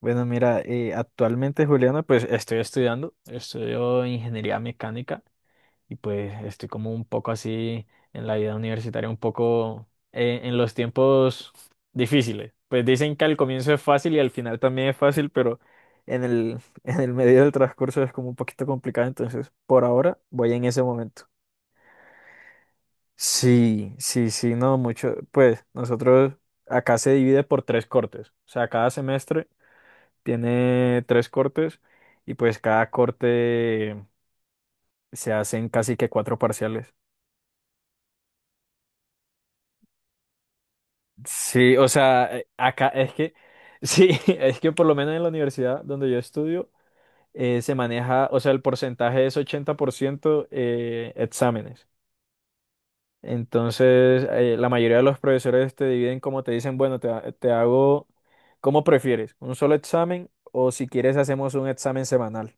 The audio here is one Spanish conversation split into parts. Bueno, mira, actualmente, Juliana, pues estoy estudiando, estudio ingeniería mecánica y pues estoy como un poco así en la vida universitaria, un poco en los tiempos difíciles. Pues dicen que al comienzo es fácil y al final también es fácil, pero en en el medio del transcurso es como un poquito complicado, entonces por ahora voy en ese momento. Sí, sí, sí, no, mucho. Pues nosotros acá se divide por tres cortes, o sea, cada semestre. Tiene tres cortes y pues cada corte se hacen casi que cuatro parciales. Sí, o sea, acá es que, sí, es que por lo menos en la universidad donde yo estudio se maneja, o sea, el porcentaje es 80% exámenes. Entonces, la mayoría de los profesores te dividen como te dicen, bueno, te hago como prefieres, un solo examen o si quieres hacemos un examen semanal.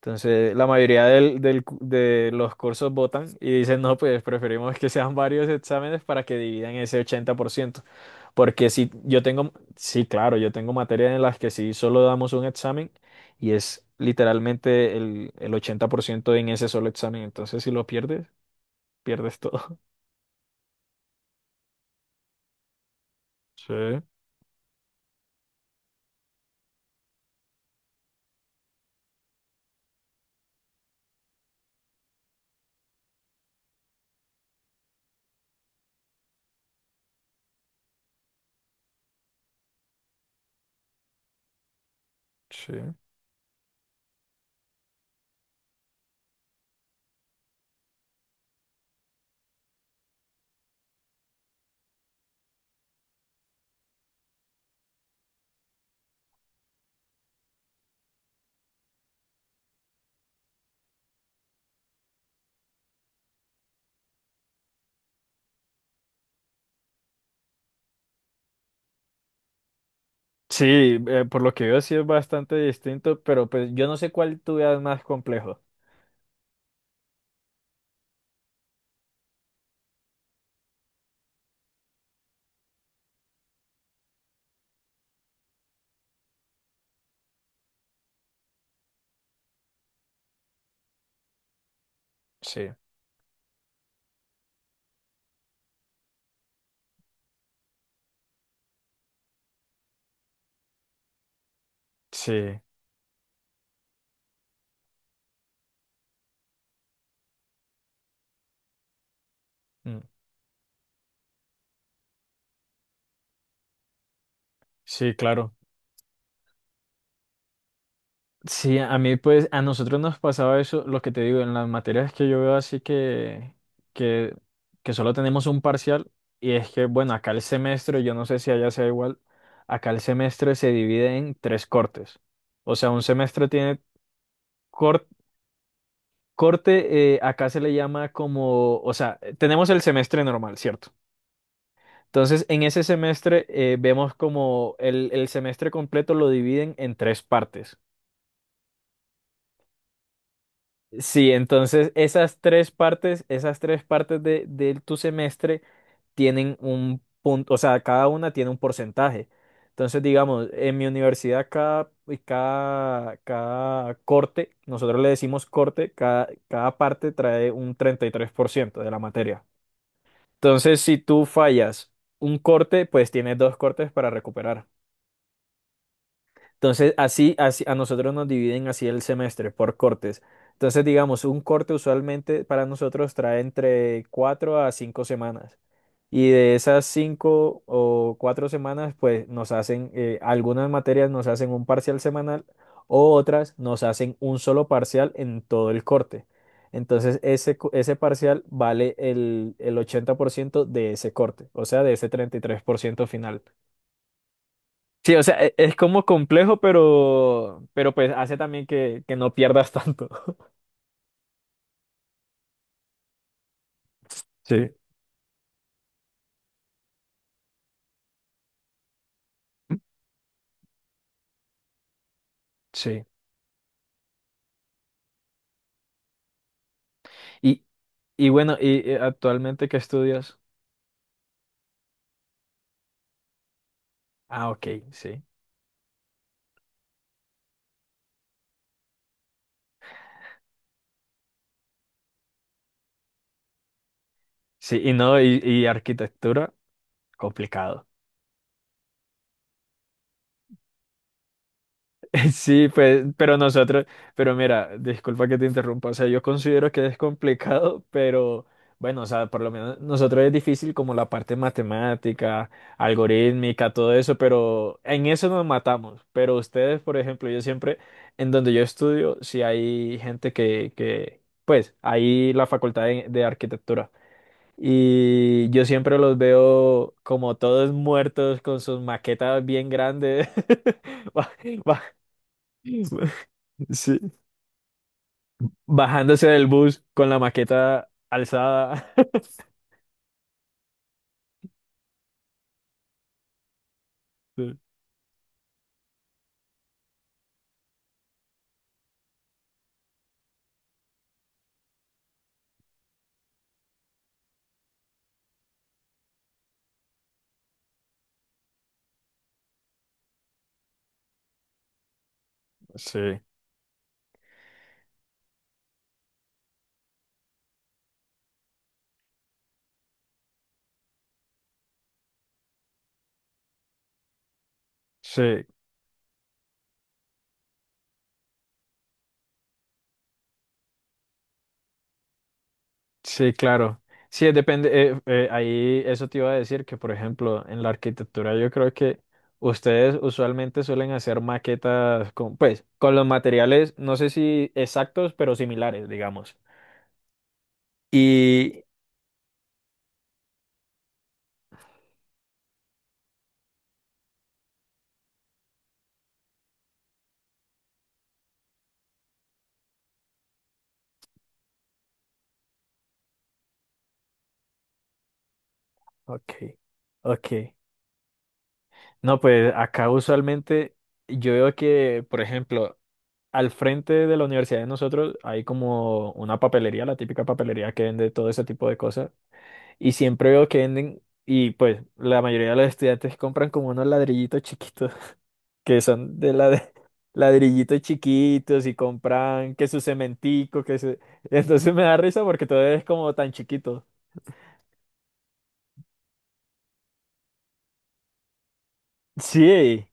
Entonces, la mayoría de los cursos votan y dicen, no, pues preferimos que sean varios exámenes para que dividan ese 80%. Porque si yo tengo, sí, claro, yo tengo materias en las que sí solo damos un examen y es literalmente el 80% en ese solo examen. Entonces, si lo pierdes, pierdes todo. Sí, sí. Sí, por lo que veo sí es bastante distinto, pero pues yo no sé cuál tú veas más complejo. Sí, sí, mm, sí, claro. Sí, a mí pues, a nosotros nos pasaba eso, lo que te digo, en las materias que yo veo así que, que solo tenemos un parcial y es que, bueno, acá el semestre, yo no sé si allá sea igual, acá el semestre se divide en tres cortes. O sea, un semestre tiene cor- corte, acá se le llama como, o sea, tenemos el semestre normal, ¿cierto? Entonces, en ese semestre vemos como el semestre completo lo dividen en tres partes. Sí, entonces esas tres partes de tu semestre tienen un punto, o sea, cada una tiene un porcentaje. Entonces, digamos, en mi universidad cada corte, nosotros le decimos corte, cada parte trae un 33% de la materia. Entonces, si tú fallas un corte, pues tienes dos cortes para recuperar. Entonces, así, así a nosotros nos dividen así el semestre por cortes. Entonces, digamos, un corte usualmente para nosotros trae entre cuatro a cinco semanas. Y de esas cinco o cuatro semanas, pues nos hacen, algunas materias nos hacen un parcial semanal o otras nos hacen un solo parcial en todo el corte. Entonces, ese parcial vale el 80% de ese corte, o sea, de ese 33% final. Sí, o sea, es como complejo, pero pues hace también que no pierdas tanto. Sí, sí. Y, y bueno, y actualmente ¿qué estudias? Ah, ok, sí. Sí, y no, y arquitectura, complicado. Sí, pues, pero nosotros, pero mira, disculpa que te interrumpa, o sea, yo considero que es complicado, pero bueno, o sea, por lo menos nosotros es difícil como la parte matemática, algorítmica, todo eso, pero en eso nos matamos. Pero ustedes, por ejemplo, yo siempre, en donde yo estudio, si hay gente pues, hay la facultad de arquitectura. Y yo siempre los veo como todos muertos con sus maquetas bien grandes. ba- Sí. Bajándose del bus con la maqueta alzada. Sí, sí, sí, sí, claro. Sí, depende. Ahí eso te iba a decir que, por ejemplo, en la arquitectura yo creo que ustedes usualmente suelen hacer maquetas con, pues, con los materiales, no sé si exactos, pero similares, digamos. Y, ok, ok. No, pues acá usualmente yo veo que, por ejemplo, al frente de la universidad de nosotros hay como una papelería, la típica papelería que vende todo ese tipo de cosas. Y siempre veo que venden, y pues la mayoría de los estudiantes compran como unos ladrillitos chiquitos, que son de la de ladrillitos chiquitos y compran que su cementico, que su... Entonces me da risa porque todo es como tan chiquito. Sí,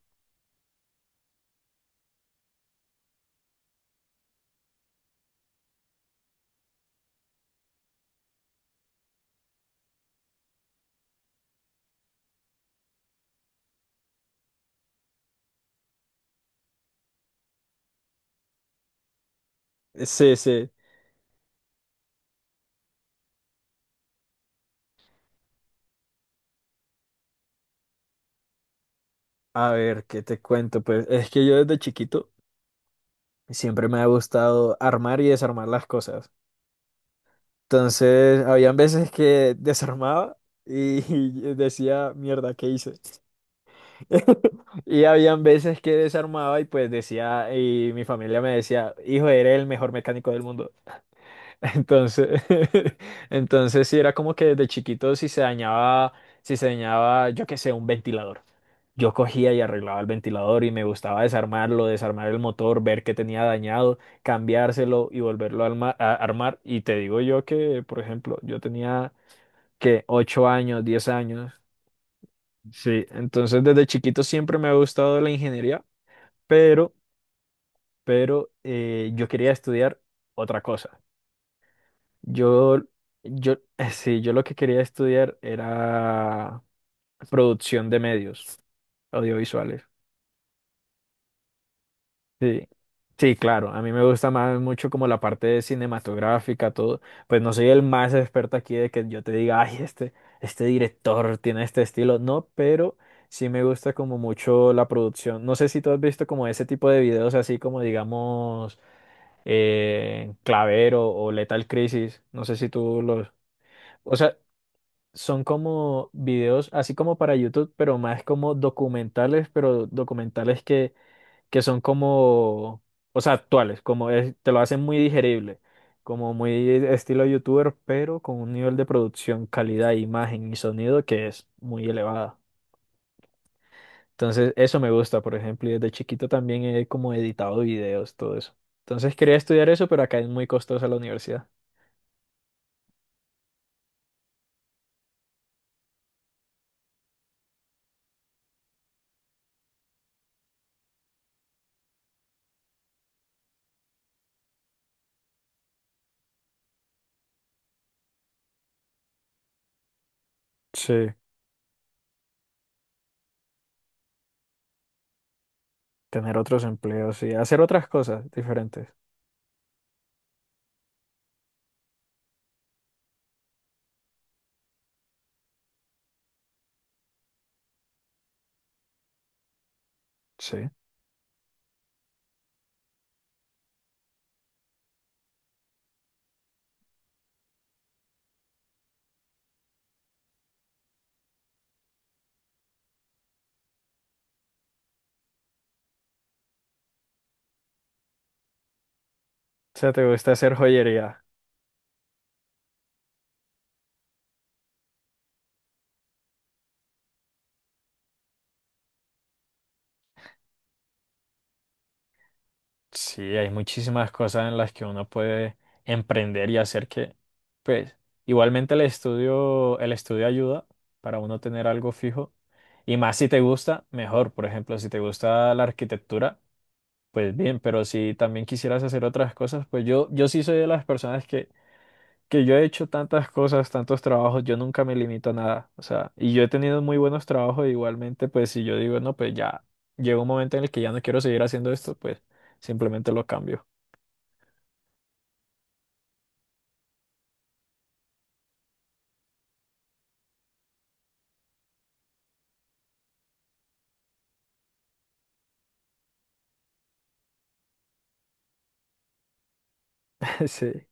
sí, sí. A ver, ¿qué te cuento? Pues es que yo desde chiquito siempre me ha gustado armar y desarmar las cosas. Entonces, habían veces que desarmaba y, decía, mierda, ¿qué hice? Y habían veces que desarmaba y pues decía, y mi familia me decía, hijo, eres el mejor mecánico del mundo. Entonces, entonces sí era como que desde chiquito si se dañaba, yo qué sé, un ventilador. Yo cogía y arreglaba el ventilador y me gustaba desarmarlo, desarmar el motor, ver qué tenía dañado, cambiárselo y volverlo a armar. Y te digo yo que, por ejemplo, yo tenía que 8 años, 10 años. Sí, entonces desde chiquito siempre me ha gustado la ingeniería, pero, pero yo quería estudiar otra cosa. Yo, sí, yo lo que quería estudiar era producción de medios audiovisuales. Sí, sí, claro. A mí me gusta más mucho como la parte cinematográfica, todo. Pues no soy el más experto aquí de que yo te diga, ay, este director tiene este estilo. No, pero sí me gusta como mucho la producción. No sé si tú has visto como ese tipo de videos así como digamos Clavero o Lethal Crisis. No sé si tú los... O sea, son como videos así como para YouTube, pero más como documentales, pero documentales que son como, o sea, actuales, como te lo hacen muy digerible, como muy estilo youtuber, pero con un nivel de producción, calidad, imagen y sonido que es muy elevada. Entonces, eso me gusta, por ejemplo, y desde chiquito también he como editado videos, todo eso. Entonces, quería estudiar eso, pero acá es muy costosa la universidad. Sí, tener otros empleos y hacer otras cosas diferentes. Sí. O sea, te gusta hacer joyería. Sí, hay muchísimas cosas en las que uno puede emprender y hacer que, pues, igualmente el estudio ayuda para uno tener algo fijo. Y más si te gusta, mejor. Por ejemplo, si te gusta la arquitectura, pues bien, pero si también quisieras hacer otras cosas, pues yo sí soy de las personas que yo he hecho tantas cosas, tantos trabajos, yo nunca me limito a nada. O sea, y yo he tenido muy buenos trabajos igualmente, pues si yo digo, no, pues ya llega un momento en el que ya no quiero seguir haciendo esto, pues simplemente lo cambio. Sí.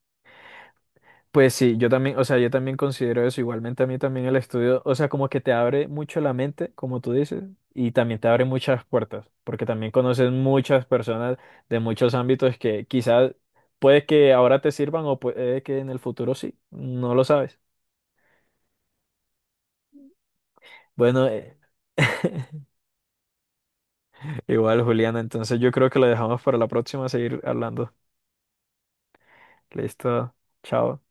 Pues sí, yo también, o sea, yo también considero eso. Igualmente a mí también el estudio, o sea, como que te abre mucho la mente, como tú dices, y también te abre muchas puertas, porque también conoces muchas personas de muchos ámbitos que quizás puede que ahora te sirvan o puede que en el futuro sí, no lo sabes. Bueno, igual Juliana, entonces yo creo que lo dejamos para la próxima, seguir hablando. Listo, chao.